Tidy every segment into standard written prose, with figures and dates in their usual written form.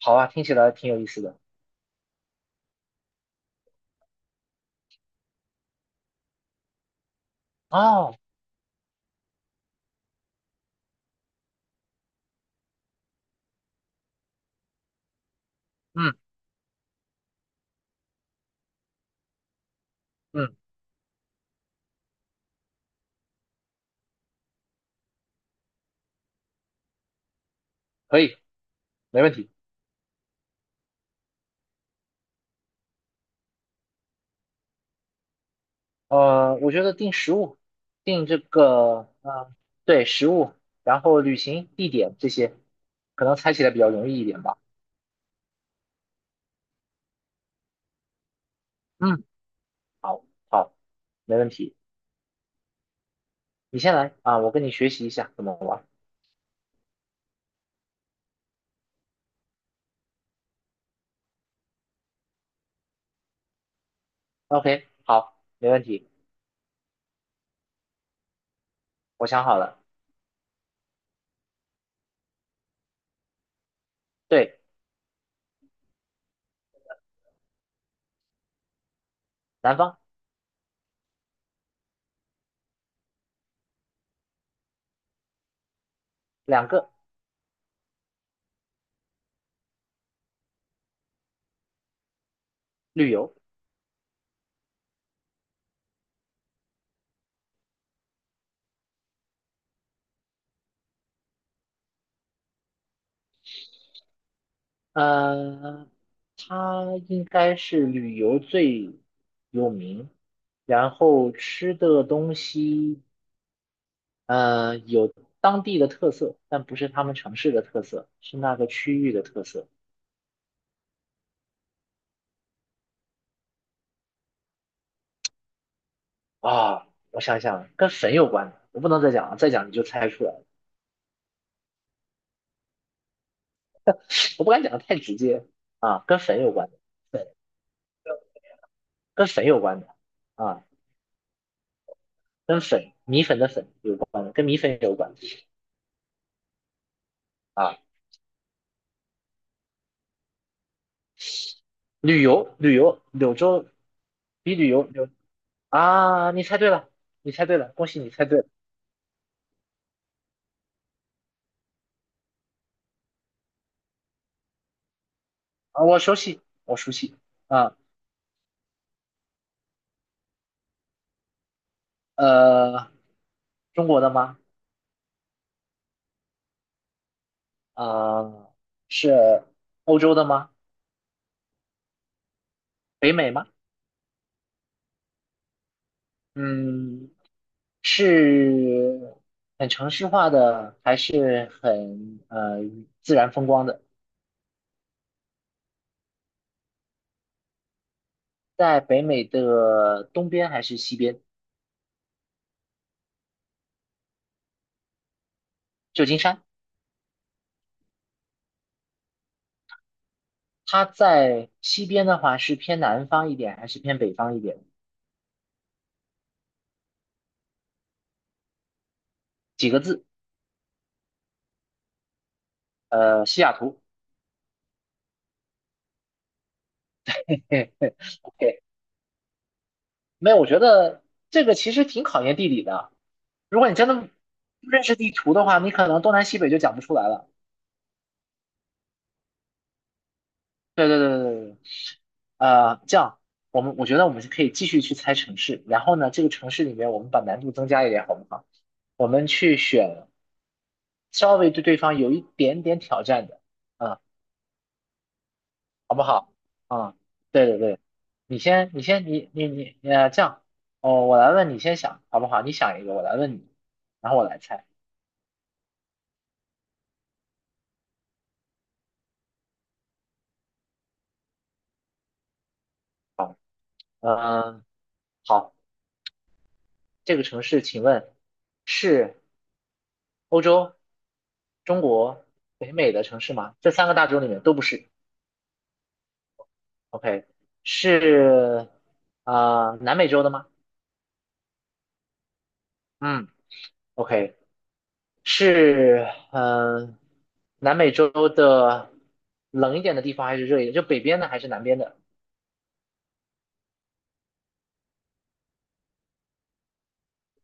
好啊，听起来挺有意思的。哦，嗯嗯，可以，没问题。我觉得定食物，定这个，对，食物，然后旅行地点这些，可能猜起来比较容易一点吧。嗯，好，好，没问题。你先来啊，我跟你学习一下怎么玩。OK，好，没问题，我想好了。对，南方两个，旅游。呃，它应该是旅游最有名，然后吃的东西，有当地的特色，但不是他们城市的特色，是那个区域的特色。啊，我想想，跟粉有关的，我不能再讲了，再讲你就猜出来了。我不敢讲的太直接，啊，跟粉有关的，粉跟粉有关的，啊，跟粉米粉的粉有关的，跟米粉有关的。啊，旅游，旅游，柳州比旅游，柳，啊，你猜对了，你猜对了，恭喜你猜对了！啊，我熟悉，我熟悉。啊，呃，中国的吗？啊，是欧洲的吗？北美吗？嗯，是很城市化的，还是很自然风光的？在北美的东边还是西边？旧金山，它在西边的话是偏南方一点，还是偏北方一点？几个字？西雅图。OK， 没有，我觉得这个其实挺考验地理的啊。如果你真的不认识地图的话，你可能东南西北就讲不出来了。对对对对对对，这样我觉得我们可以继续去猜城市，然后呢，这个城市里面我们把难度增加一点，好不好？我们去选稍微对对方有一点点挑战的，嗯，好不好？嗯，对对对，你先你先你你你呃，这样，哦，我来问你先想好不好？你想一个，我来问你，然后我来猜。好，嗯、好，这个城市请问是欧洲、中国、北美的城市吗？这三个大洲里面都不是。OK，是啊、南美洲的吗？嗯，OK，是嗯、南美洲的冷一点的地方还是热一点？就北边的还是南边的？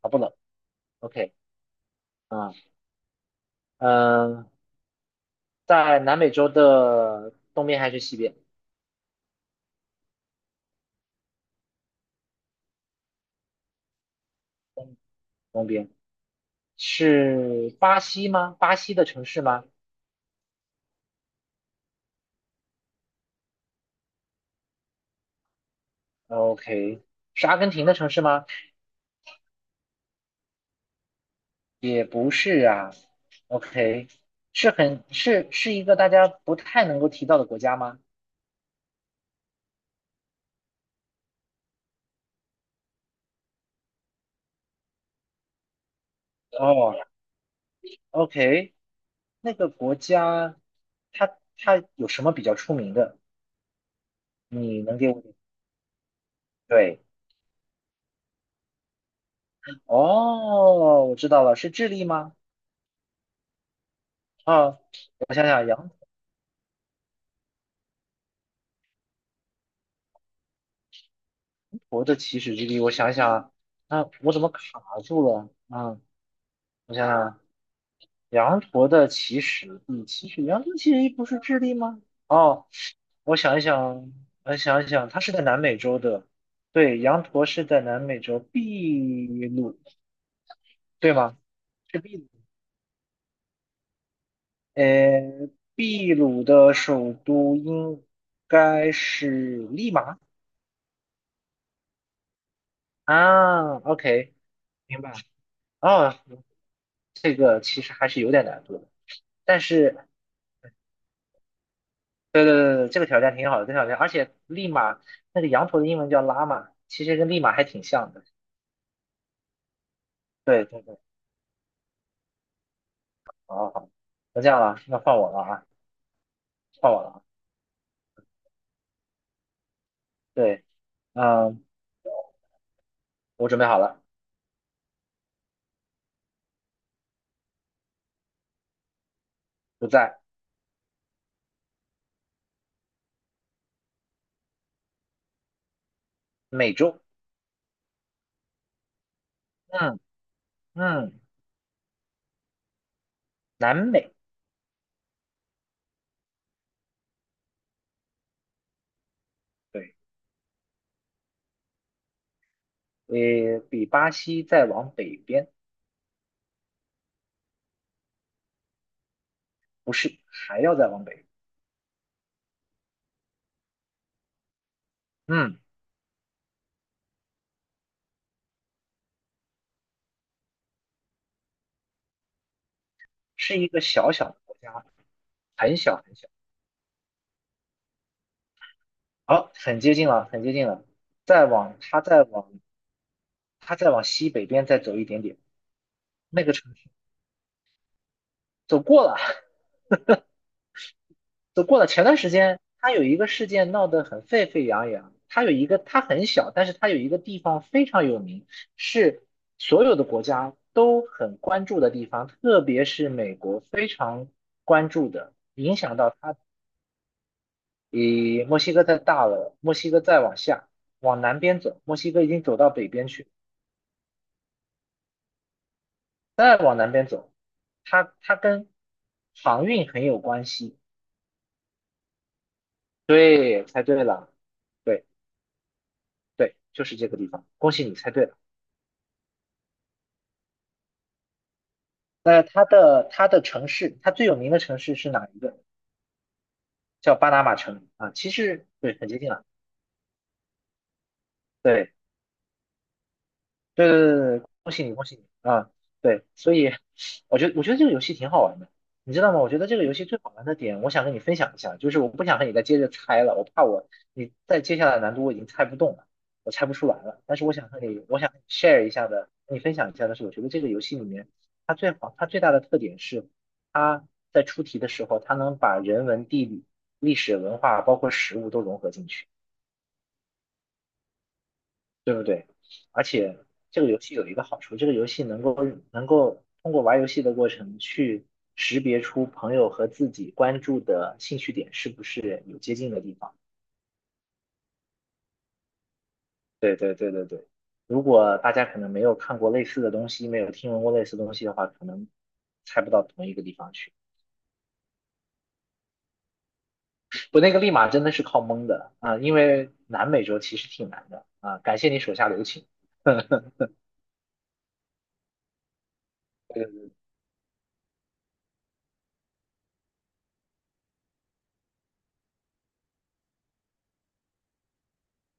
啊，不冷。OK，啊、嗯、在南美洲的东边还是西边？东边是巴西吗？巴西的城市吗？OK，是阿根廷的城市吗？也不是啊。OK，是很是是一个大家不太能够提到的国家吗？哦，OK，那个国家它有什么比较出名的？你能给我点对，哦，我知道了，是智利吗？啊，我想想，羊驼的起始之地，我想想，啊，啊，我怎么卡住了？啊，我想想。羊驼的起始地，羊驼的起始地不是智利吗？哦，我想一想，我想一想，它是在南美洲的，对，羊驼是在南美洲秘鲁，对吗？是秘鲁。呃，秘鲁的首都应该是利马。啊，OK，明白。哦，这个其实还是有点难度的，但是对对对对，这个挑战挺好的，这个挑战，而且利马那个羊驼的英文叫拉玛，其实跟利马还挺像的。对对对，好好好，那这样了，那换我了啊，换我了啊。对，嗯，我准备好了，不在美洲，嗯嗯，南美，对，比巴西再往北边，不是，还要再往北，嗯，是一个小小的国家，很小很小，好，很接近了，很接近了，再往它再往它再往西北边再走一点点。那个城市。走过了，走过了。前段时间他有一个事件闹得很沸沸扬扬，他有一个他很小，但是他有一个地方非常有名，是所有的国家都很关注的地方，特别是美国非常关注的，影响到他比墨西哥再大了，墨西哥再往下往南边走，墨西哥已经走到北边去，再往南边走，它跟航运很有关系。对，猜对了，对。对，就是这个地方。恭喜你猜对了。那它的城市，它最有名的城市是哪一个？叫巴拿马城啊，其实对，很接近了。对，对对对对对恭喜你，恭喜你啊！对，所以我觉得这个游戏挺好玩的，你知道吗？我觉得这个游戏最好玩的点，我想跟你分享一下，就是我不想和你再接着猜了，我怕我你再接下来的难度我已经猜不动了，我猜不出来了。但是我想和你，我想和你 share 一下的，和你分享一下的是，我觉得这个游戏里面它最好，它最大的特点是在出题的时候，它能把人文、地理、历史文化，包括食物都融合进去，对不对？而且这个游戏有一个好处，这个游戏能够通过玩游戏的过程去识别出朋友和自己关注的兴趣点是不是有接近的地方。对对对对对，如果大家可能没有看过类似的东西，没有听闻过类似的东西的话，可能猜不到同一个地方去。我那个立马真的是靠蒙的啊，因为南美洲其实挺难的啊。感谢你手下留情。对对对，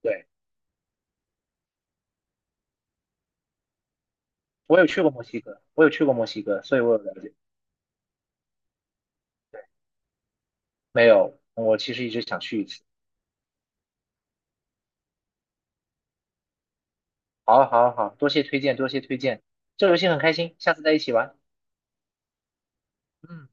对，我有去过墨西哥，所以我有了解。没有，我其实一直想去一次。好啊好啊好啊，多谢推荐，多谢推荐。这游戏很开心，下次再一起玩。嗯。